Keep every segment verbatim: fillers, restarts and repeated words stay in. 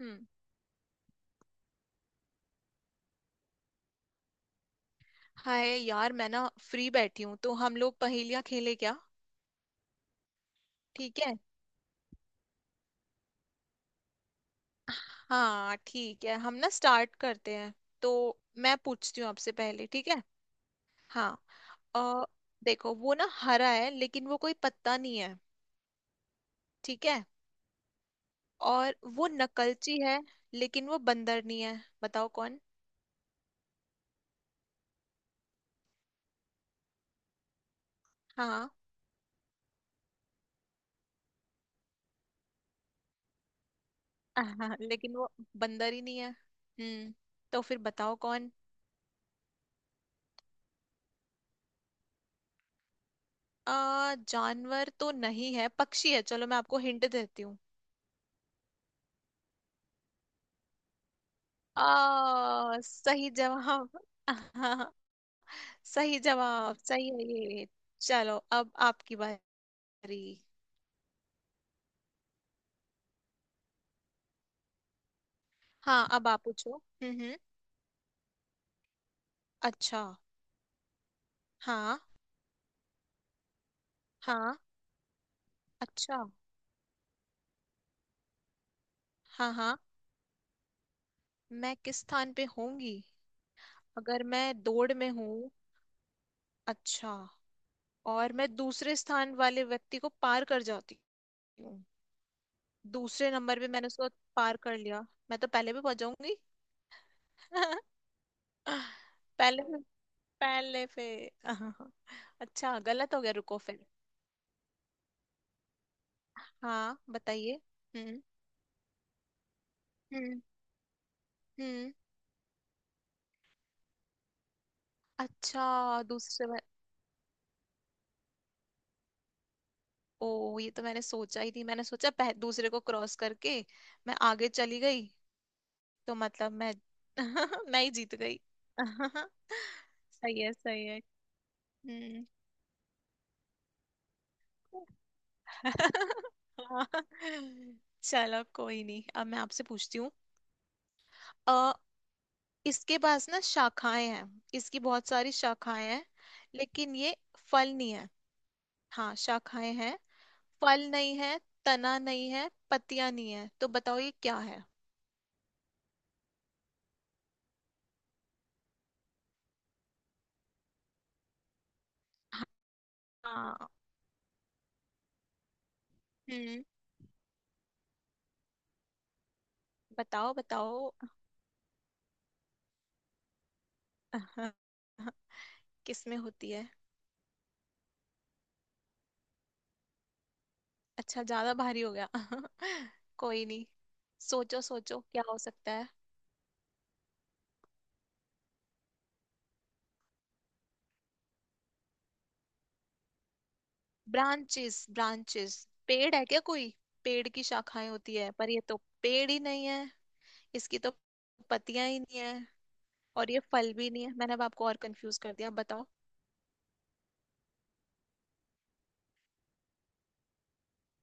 हम्म। Hi यार, मैं ना फ्री बैठी हूँ तो हम लोग पहेलियाँ खेले क्या? ठीक है। हाँ ठीक है, हम ना स्टार्ट करते हैं तो मैं पूछती हूँ आपसे पहले, ठीक है? हाँ। अ, देखो वो ना हरा है लेकिन वो कोई पत्ता नहीं है। ठीक है। और वो नकलची है लेकिन वो बंदर नहीं है, बताओ कौन? हाँ। लेकिन वो बंदर ही नहीं है। हम्म। तो फिर बताओ कौन? आ जानवर तो नहीं है, पक्षी है, चलो मैं आपको हिंट देती हूँ। आ, सही जवाब। हाँ, सही जवाब, सही है ये। चलो अब आपकी बारी। हाँ, अब आप पूछो। हम्म हम्म। अच्छा। हाँ हाँ। अच्छा। हाँ हाँ। मैं किस स्थान पे होंगी? अगर मैं दौड़ में हूँ। अच्छा। और मैं दूसरे स्थान वाले व्यक्ति को पार कर जाती हूँ। दूसरे नंबर पे मैंने उसको पार कर लिया, मैं तो पहले भी पहुंच जाऊंगी। पहले। पहले फिर हाँ हाँ। अच्छा गलत हो गया, रुको फिर। हाँ बताइए। हम्म हम्म हम्म। अच्छा दूसरे में। ओ ये तो मैंने सोचा ही थी, मैंने सोचा पह, दूसरे को क्रॉस करके मैं आगे चली गई। तो मतलब मैं मैं ही जीत गई। सही है, सही है। हम्म। हाँ। चलो कोई नहीं, अब मैं आपसे पूछती हूँ। इसके पास ना शाखाएं हैं, इसकी बहुत सारी शाखाएं हैं, लेकिन ये फल नहीं है। हाँ शाखाएं हैं, फल नहीं है, तना नहीं है, पत्तियां नहीं है, तो बताओ ये क्या है? हाँ। हम्म। बताओ बताओ। किसमें होती है? अच्छा ज्यादा भारी हो गया। कोई नहीं, सोचो सोचो क्या हो सकता है। ब्रांचेस ब्रांचेस, पेड़ है क्या कोई? पेड़ की शाखाएं होती है पर ये तो पेड़ ही नहीं है, इसकी तो पत्तियां ही नहीं है, और ये फल भी नहीं है, मैंने अब आपको और कंफ्यूज कर दिया, बताओ।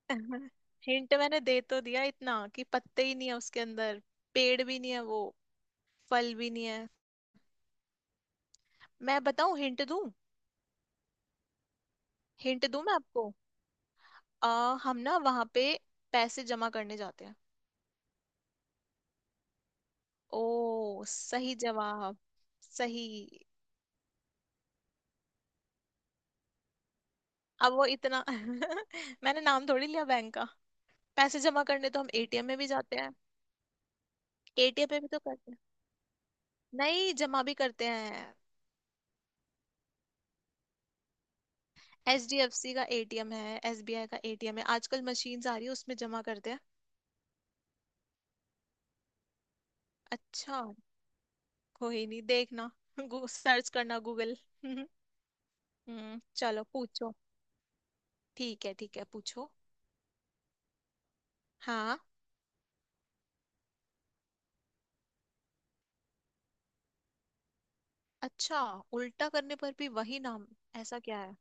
हिंट मैंने दे तो दिया इतना कि पत्ते ही नहीं है उसके अंदर, पेड़ भी नहीं है वो, फल भी नहीं है। मैं बताऊं हिंट दूं? हिंट दूं मैं आपको? आ, हम ना वहां पे पैसे जमा करने जाते हैं। ओ सही जवाब। सही। अब वो इतना मैंने नाम थोड़ी लिया बैंक का, पैसे जमा करने तो हम ए टी एम में भी जाते हैं। एटीएम में भी तो करते हैं, नहीं जमा भी करते हैं। एच डी एफ सी का ए टी एम है, एस बी आई का ए टी एम है, आजकल मशीन्स आ रही है, उसमें जमा करते हैं। अच्छा। कोई नहीं, देखना गू, सर्च करना गूगल। हम्म, चलो पूछो। ठीक है ठीक है, पूछो। हाँ। अच्छा, उल्टा करने पर भी वही नाम। ऐसा क्या है?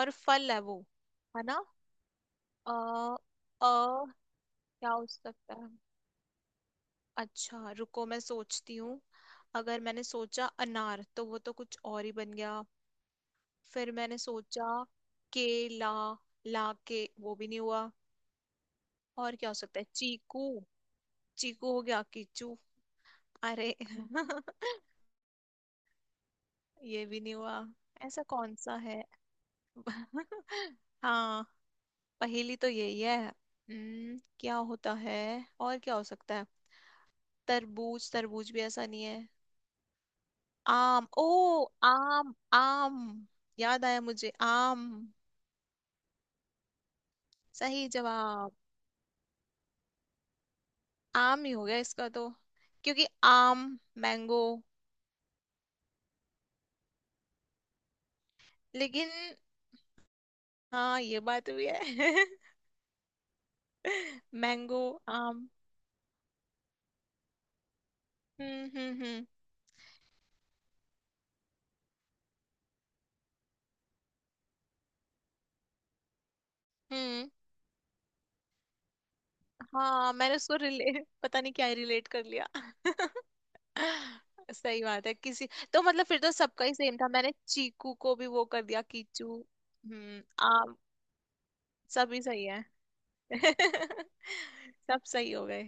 और फल है वो, है ना? अ अ क्या हो सकता है? अच्छा रुको मैं सोचती हूँ। अगर मैंने सोचा अनार तो वो तो कुछ और ही बन गया। फिर मैंने सोचा केला, ला के वो भी नहीं हुआ। और क्या हो सकता है, चीकू? चीकू हो गया कीचू। अरे ये भी नहीं हुआ। ऐसा कौन सा है? हाँ, पहेली तो यही है। हम्म क्या होता है? और क्या हो सकता है? तरबूज, तरबूज भी ऐसा नहीं है। आम। ओ आम। आम, याद आया मुझे आम। सही जवाब। आम ही हो गया इसका तो, क्योंकि आम मैंगो। लेकिन हाँ ये बात भी है। मैंगो आम। हम्म हम्म हम्म। हम्म। हाँ मैंने उसको रिले पता नहीं क्या रिलेट कर लिया। सही बात है किसी। तो मतलब फिर तो सबका ही सेम था, मैंने चीकू को भी वो कर दिया कीचू। हम्म आम। सभी सही है। सब सही हो गए।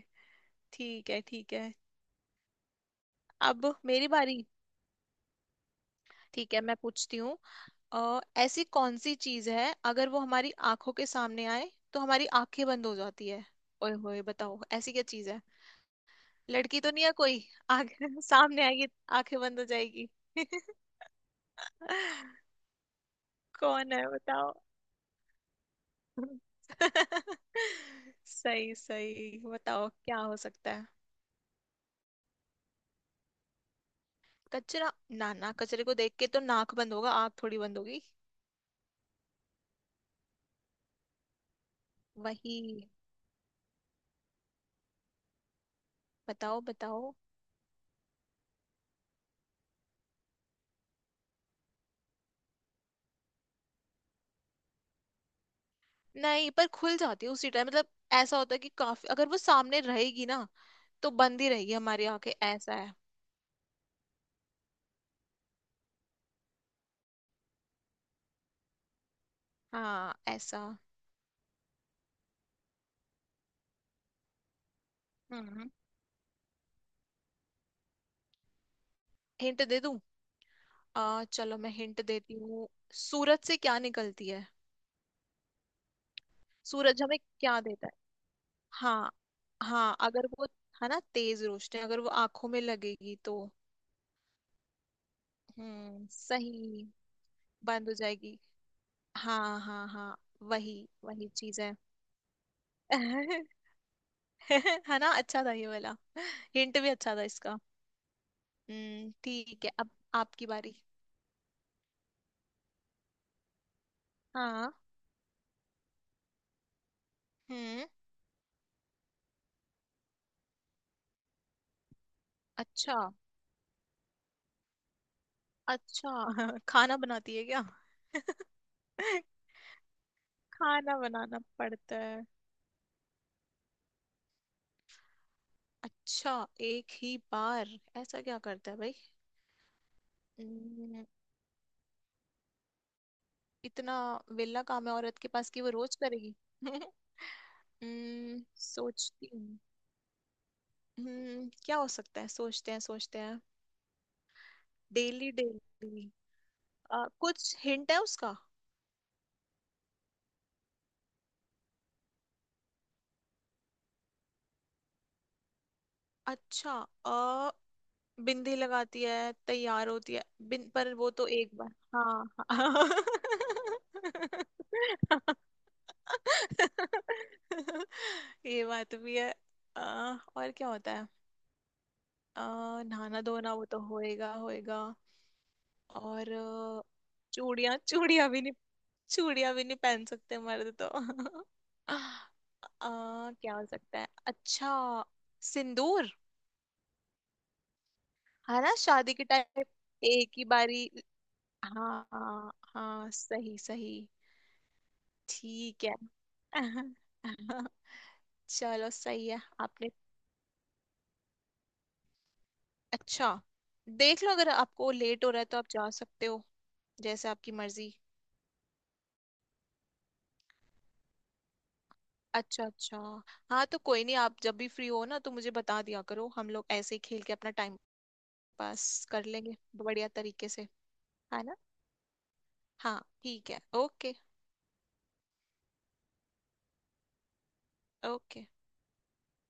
ठीक है ठीक है, अब मेरी बारी। ठीक है मैं पूछती हूँ। अ, ऐसी कौन सी चीज है अगर वो हमारी आंखों के सामने आए तो हमारी आंखें बंद हो जाती है? ओए होए बताओ, ऐसी क्या चीज है? लड़की तो नहीं है कोई? आंखें सामने आएगी, आंखें बंद हो जाएगी। कौन है बताओ। सही सही बताओ, क्या हो सकता है? कचरा? ना ना, कचरे को देख के तो नाक बंद होगा, आंख थोड़ी बंद होगी। वही। बताओ बताओ। नहीं पर खुल जाती है उसी टाइम, मतलब ऐसा होता है कि काफी अगर वो सामने रहेगी ना तो बंद ही रहेगी हमारी आंखें, ऐसा है। हाँ ऐसा। हम्म। हिंट दे दूं? आ चलो मैं हिंट देती हूँ। सूरज से क्या निकलती है? सूरज हमें क्या देता है? हाँ। हाँ अगर वो है ना तेज रोशनी, अगर वो आंखों में लगेगी तो। हम्म सही, बंद हो जाएगी। हाँ हाँ हाँ। वही वही चीज है। है ना, अच्छा था ये वाला। हिंट भी अच्छा था इसका। हम्म, ठीक है अब आपकी बारी। हाँ। हम्म। अच्छा अच्छा। खाना बनाती है क्या? खाना बनाना पड़ता है? अच्छा, एक ही बार? ऐसा क्या करता है भाई? हम्म, इतना वेला काम है औरत के पास कि वो रोज करेगी? हम्म, सोचती हूँ। हम्म, क्या हो सकता है, सोचते हैं सोचते हैं। Daily daily. आ, कुछ हिंट है उसका? अच्छा। अ बिंदी लगाती है, तैयार होती है? बिन पर वो तो एक बार। हाँ। हाँ ये बात भी है। आ, और क्या होता है? आ, नहाना धोना, वो तो होएगा होएगा। और आ, चूड़ियां, चूड़ियां भी नहीं? चूड़ियां भी नहीं पहन सकते मर्द तो। आ, क्या हो सकता है? अच्छा, सिंदूर। है ना, शादी के टाइम, एक ही बारी। हाँ हाँ हाँ सही सही। ठीक है। चलो सही है आपने। अच्छा, देख लो अगर आपको लेट हो रहा है तो आप जा सकते हो, जैसे आपकी मर्जी। अच्छा अच्छा। हाँ तो कोई नहीं, आप जब भी फ्री हो ना तो मुझे बता दिया करो, हम लोग ऐसे ही खेल के अपना टाइम पास कर लेंगे बढ़िया तरीके से, है ना? हाँ ठीक है ओके। ओके।